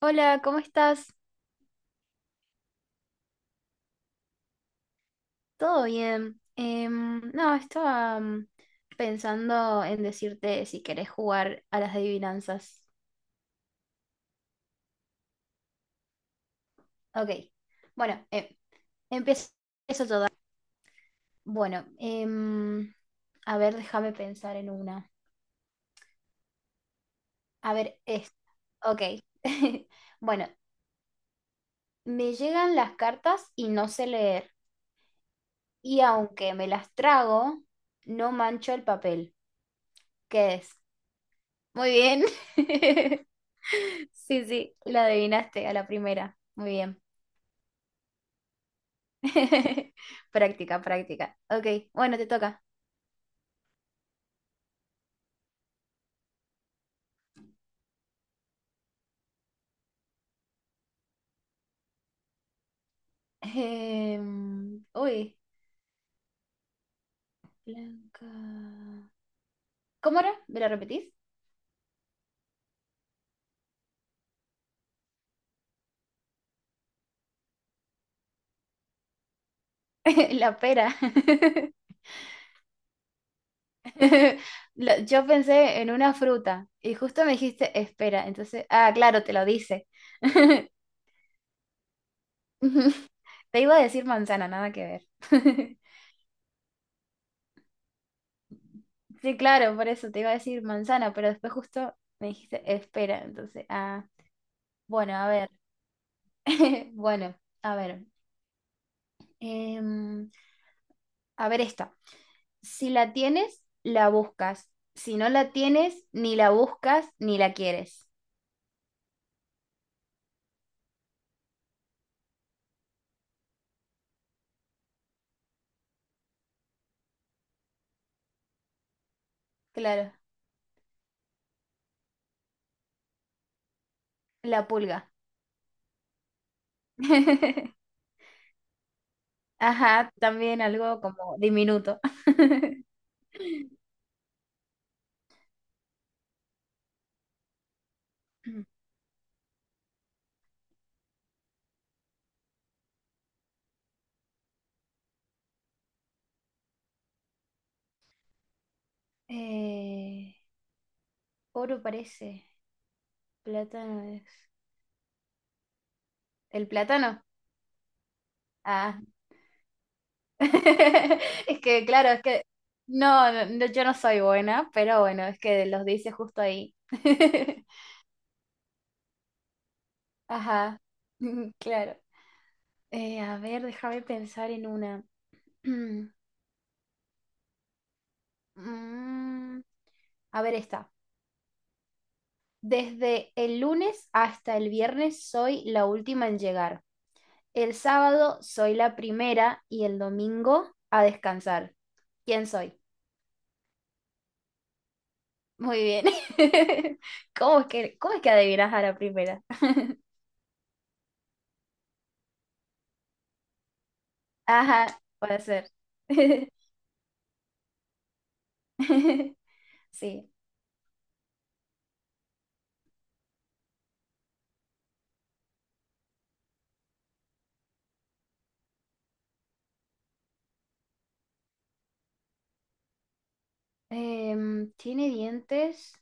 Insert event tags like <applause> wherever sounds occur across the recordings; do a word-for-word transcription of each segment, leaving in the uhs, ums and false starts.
Hola, ¿cómo estás? ¿Todo bien? Em, no, estaba mm, pensando en decirte si querés jugar a las adivinanzas. Ok, bueno, eh, empiezo yo. da- Bueno, em, a ver, déjame pensar en una. A ver, es, ok. <laughs> Bueno, me llegan las cartas y no sé leer. Y aunque me las trago, no mancho el papel. ¿Qué es? Muy bien. <laughs> Sí, sí, la adivinaste a la primera. Muy bien. <laughs> Práctica, práctica. Ok, bueno, te toca. Em, uy, Blanca. ¿Cómo era? ¿Me la repetís? <laughs> La pera. <laughs> Lo- Yo pensé en una fruta y justo me dijiste espera. Entonces, ah, claro, te lo dice. <laughs> Te iba a decir manzana, nada que ver. <laughs> Sí, claro, por eso te iba a decir manzana, pero después justo me dijiste espera. Entonces, ah, bueno, a ver. <laughs> Bueno, a ver, em, a ver esta. Si la tienes, la buscas. Si no la tienes, ni la buscas ni la quieres. Claro, la pulga. <laughs> Ajá, también algo como diminuto. <laughs> Eh, oro parece, plátano es. ¿El plátano? Ah. <laughs> Es que, claro, es que. No, no, no, yo no soy buena, pero bueno, es que los dice justo ahí. <laughs> Ajá, <laughs> claro. Eh, a ver, déjame pensar en una. <clears throat> Mm, a ver, esta. Desde el lunes hasta el viernes soy la última en llegar. El sábado soy la primera y el domingo a descansar. ¿Quién soy? Muy bien. <laughs> ¿Cómo es que, cómo es que adivinas a la primera? <laughs> Ajá, puede ser. <laughs> <laughs> Sí. Em, tiene dientes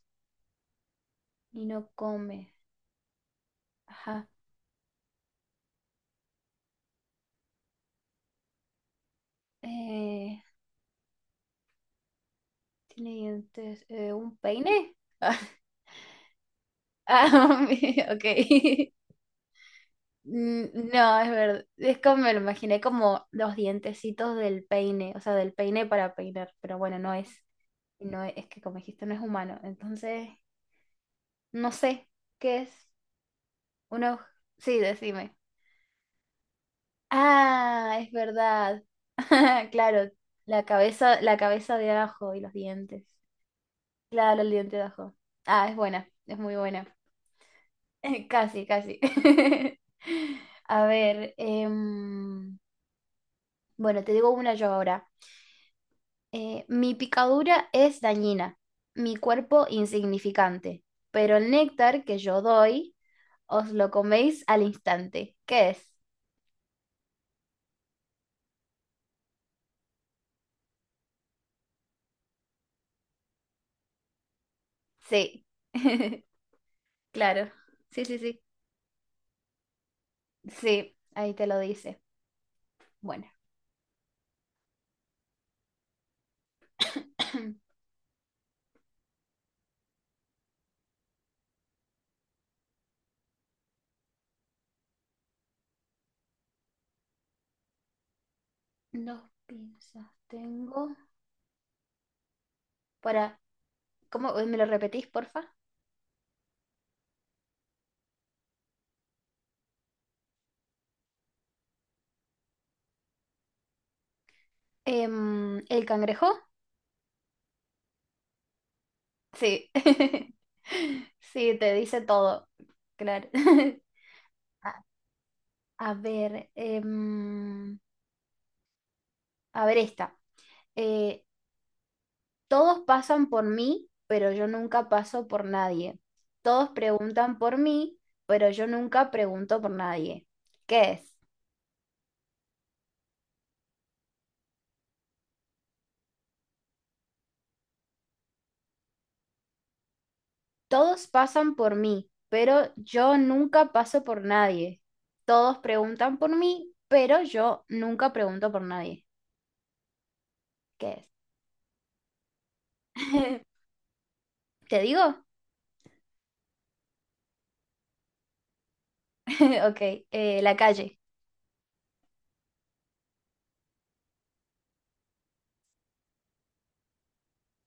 y no come. Ajá. Eh, tiene dientes. eh, ¿un peine? Ah, <laughs> ah, <laughs> ok. <laughs> Mm, no, es verdad. Es como me lo imaginé como los dientecitos del peine, o sea, del peine para peinar, pero bueno, no es, no es, es que como dijiste, no es humano. Entonces, no sé qué es. Uno, sí, decime. Ah, es verdad. <laughs> Claro, la cabeza, la cabeza de ajo y los dientes. Claro, el diente de ajo. Ah, es buena, es muy buena. <laughs> Casi, casi. <laughs> A ver, em, bueno, te digo una yo ahora. Eh, mi picadura es dañina, mi cuerpo insignificante, pero el néctar que yo doy os lo coméis al instante. ¿Qué es? Sí. <laughs> Claro. Sí, sí, sí. Sí, ahí te lo dice. Bueno, <clears throat> dos pinzas tengo. Para, ¿cómo me lo repetís, porfa? Em, el cangrejo. Sí, <laughs> sí, te dice todo, claro. <laughs> A, a ver, em, a ver esta. Eh, todos pasan por mí, pero yo nunca paso por nadie. Todos preguntan por mí, pero yo nunca pregunto por nadie. ¿Qué es? Todos pasan por mí, pero yo nunca paso por nadie. Todos preguntan por mí, pero yo nunca pregunto por nadie. ¿Qué es? <laughs> ¿Te digo? <laughs> Ok, eh, la calle,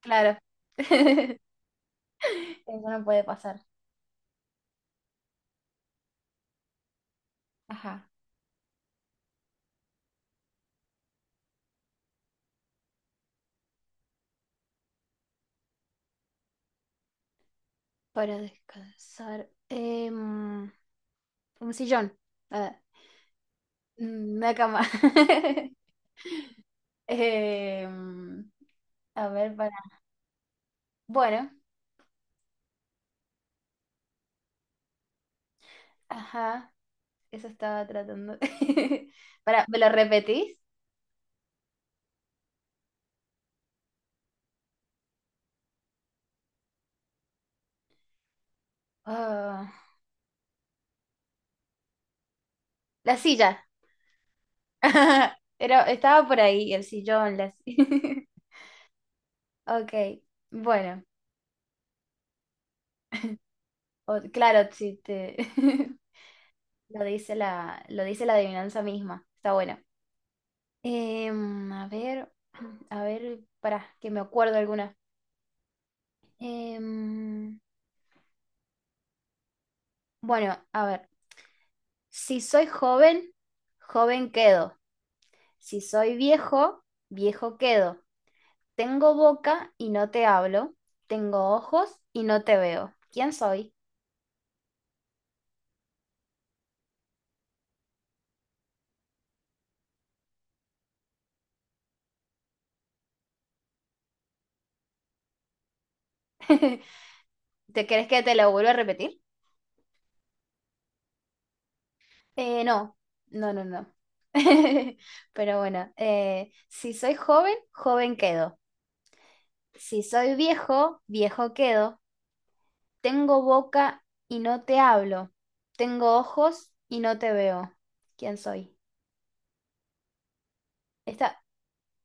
claro. <laughs> Eso no puede pasar. Ajá. Para descansar. em, un sillón. Ah, mm, una cama. <laughs> Em, a ver, para. Bueno, ajá. Eso estaba tratando. <laughs> Para, ¿me lo repetís? Ah, la silla. <laughs> Era, estaba por ahí, el sillón, la silla. <laughs> Ok, bueno. o- claro, si te. <laughs> Lo dice la, lo dice la adivinanza misma. Está bueno. Em, a ver, <clears throat> a ver, para que me acuerdo alguna. Em, bueno, a ver. Si soy joven, joven quedo. Si soy viejo, viejo quedo. Tengo boca y no te hablo. Tengo ojos y no te veo. ¿Quién soy? <laughs> ¿Te crees que te lo vuelvo a repetir? Eh, no, no, no, no. <laughs> Pero bueno, eh, si soy joven, joven quedo. Si soy viejo, viejo quedo. Tengo boca y no te hablo. Tengo ojos y no te veo. ¿Quién soy? Está,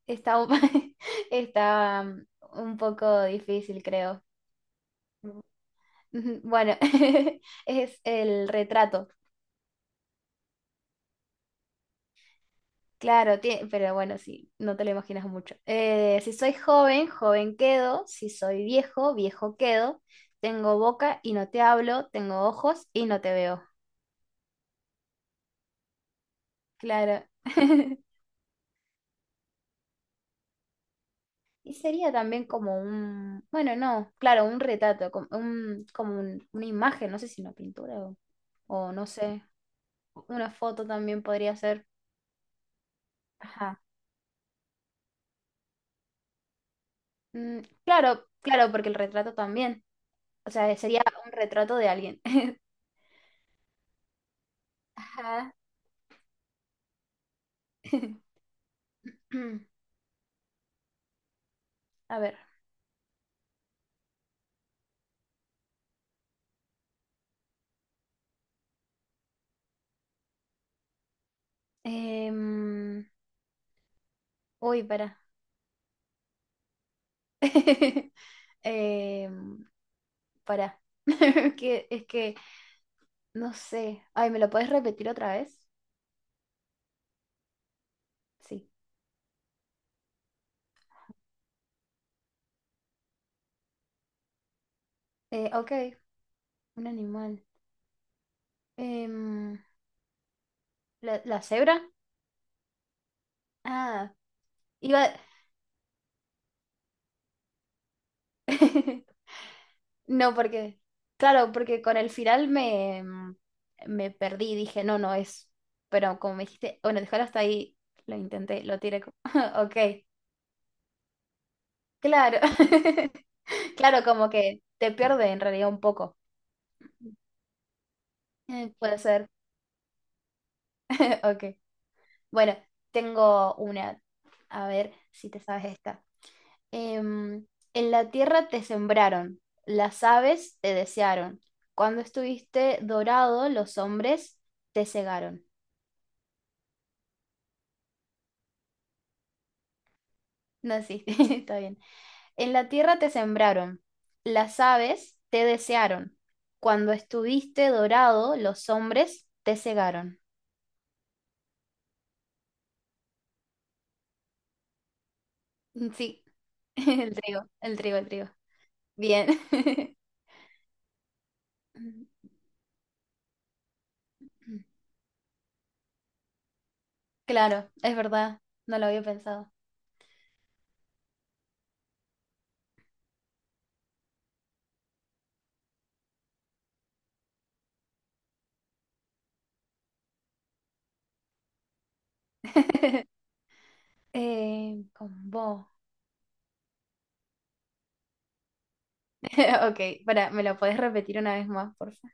está, un- <laughs> está um, un poco difícil, creo. Ujú, Bueno, <laughs> es el retrato. Claro, tie- pero bueno, sí, no te lo imaginas mucho. Eh, si soy joven, joven quedo. Si soy viejo, viejo quedo. Tengo boca y no te hablo. Tengo ojos y no te veo. Claro. <laughs> Y sería también como un, bueno, no, claro, un retrato, como, un, como un- una imagen, no sé si una pintura o, o no sé, una foto también podría ser. Ajá. Mm, claro, claro, porque el retrato también, o sea, sería un retrato de alguien. <laughs> Ajá. <clears throat> A ver. em, uy, para. <laughs> para. <laughs> que, es que, no sé. Ay, ¿me lo puedes repetir otra vez? Sí. Eh, ok. Un animal. Em, ¿la, la cebra? Ah, iba... <laughs> No, porque... Claro, porque con el final me, em, me perdí. Dije, no, no es... Pero como me dijiste, bueno, déjalo hasta ahí. Lo intenté, lo tiré como... <laughs> Ok, claro. <laughs> Claro, como que te pierde en realidad un poco. Eh, puede ser. <laughs> Ok. Bueno, tengo una. A ver si te sabes esta. Em, en la tierra te sembraron, las aves te desearon. Cuando estuviste dorado, los hombres te cegaron. No, sí, <laughs> está bien. En la tierra te sembraron, las aves te desearon. Cuando estuviste dorado, los hombres te cegaron. Sí, <laughs> el trigo, el trigo, el trigo. Bien. <laughs> Claro, es verdad, no lo había pensado. <laughs> Eh, con vos. <laughs> Ok, para, ¿me lo podés repetir una vez más, porfa?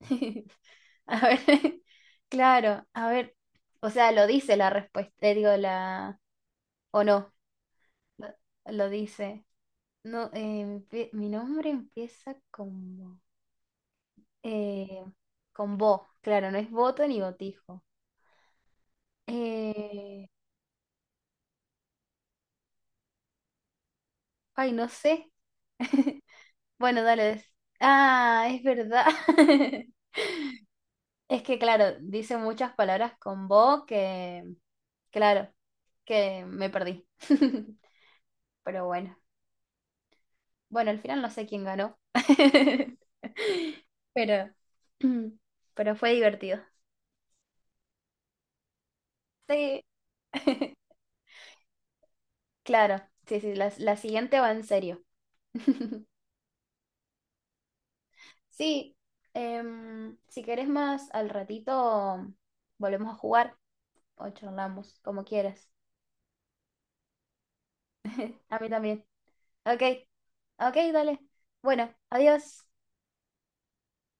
<laughs> A ver, <laughs> claro, a ver, o sea, lo dice la respuesta, eh, digo, la, o no, lo, lo dice. No, eh, empie- mi nombre empieza con bo, eh, con bo, claro, no es voto ni botijo. Eh, ay, no sé. <laughs> Bueno, dale. des- Ah, es verdad. <laughs> Es que, claro, dice muchas palabras con vos que, claro, que me perdí. <laughs> Pero bueno, bueno, al final no sé quién ganó. <laughs> Pero, <clears throat> pero fue divertido. Sí, <laughs> claro, sí, sí, la, la siguiente va en serio. <laughs> Sí, em, si querés más al ratito, volvemos a jugar o charlamos, como quieras. A mí también. Ok, ok, dale. Bueno, adiós.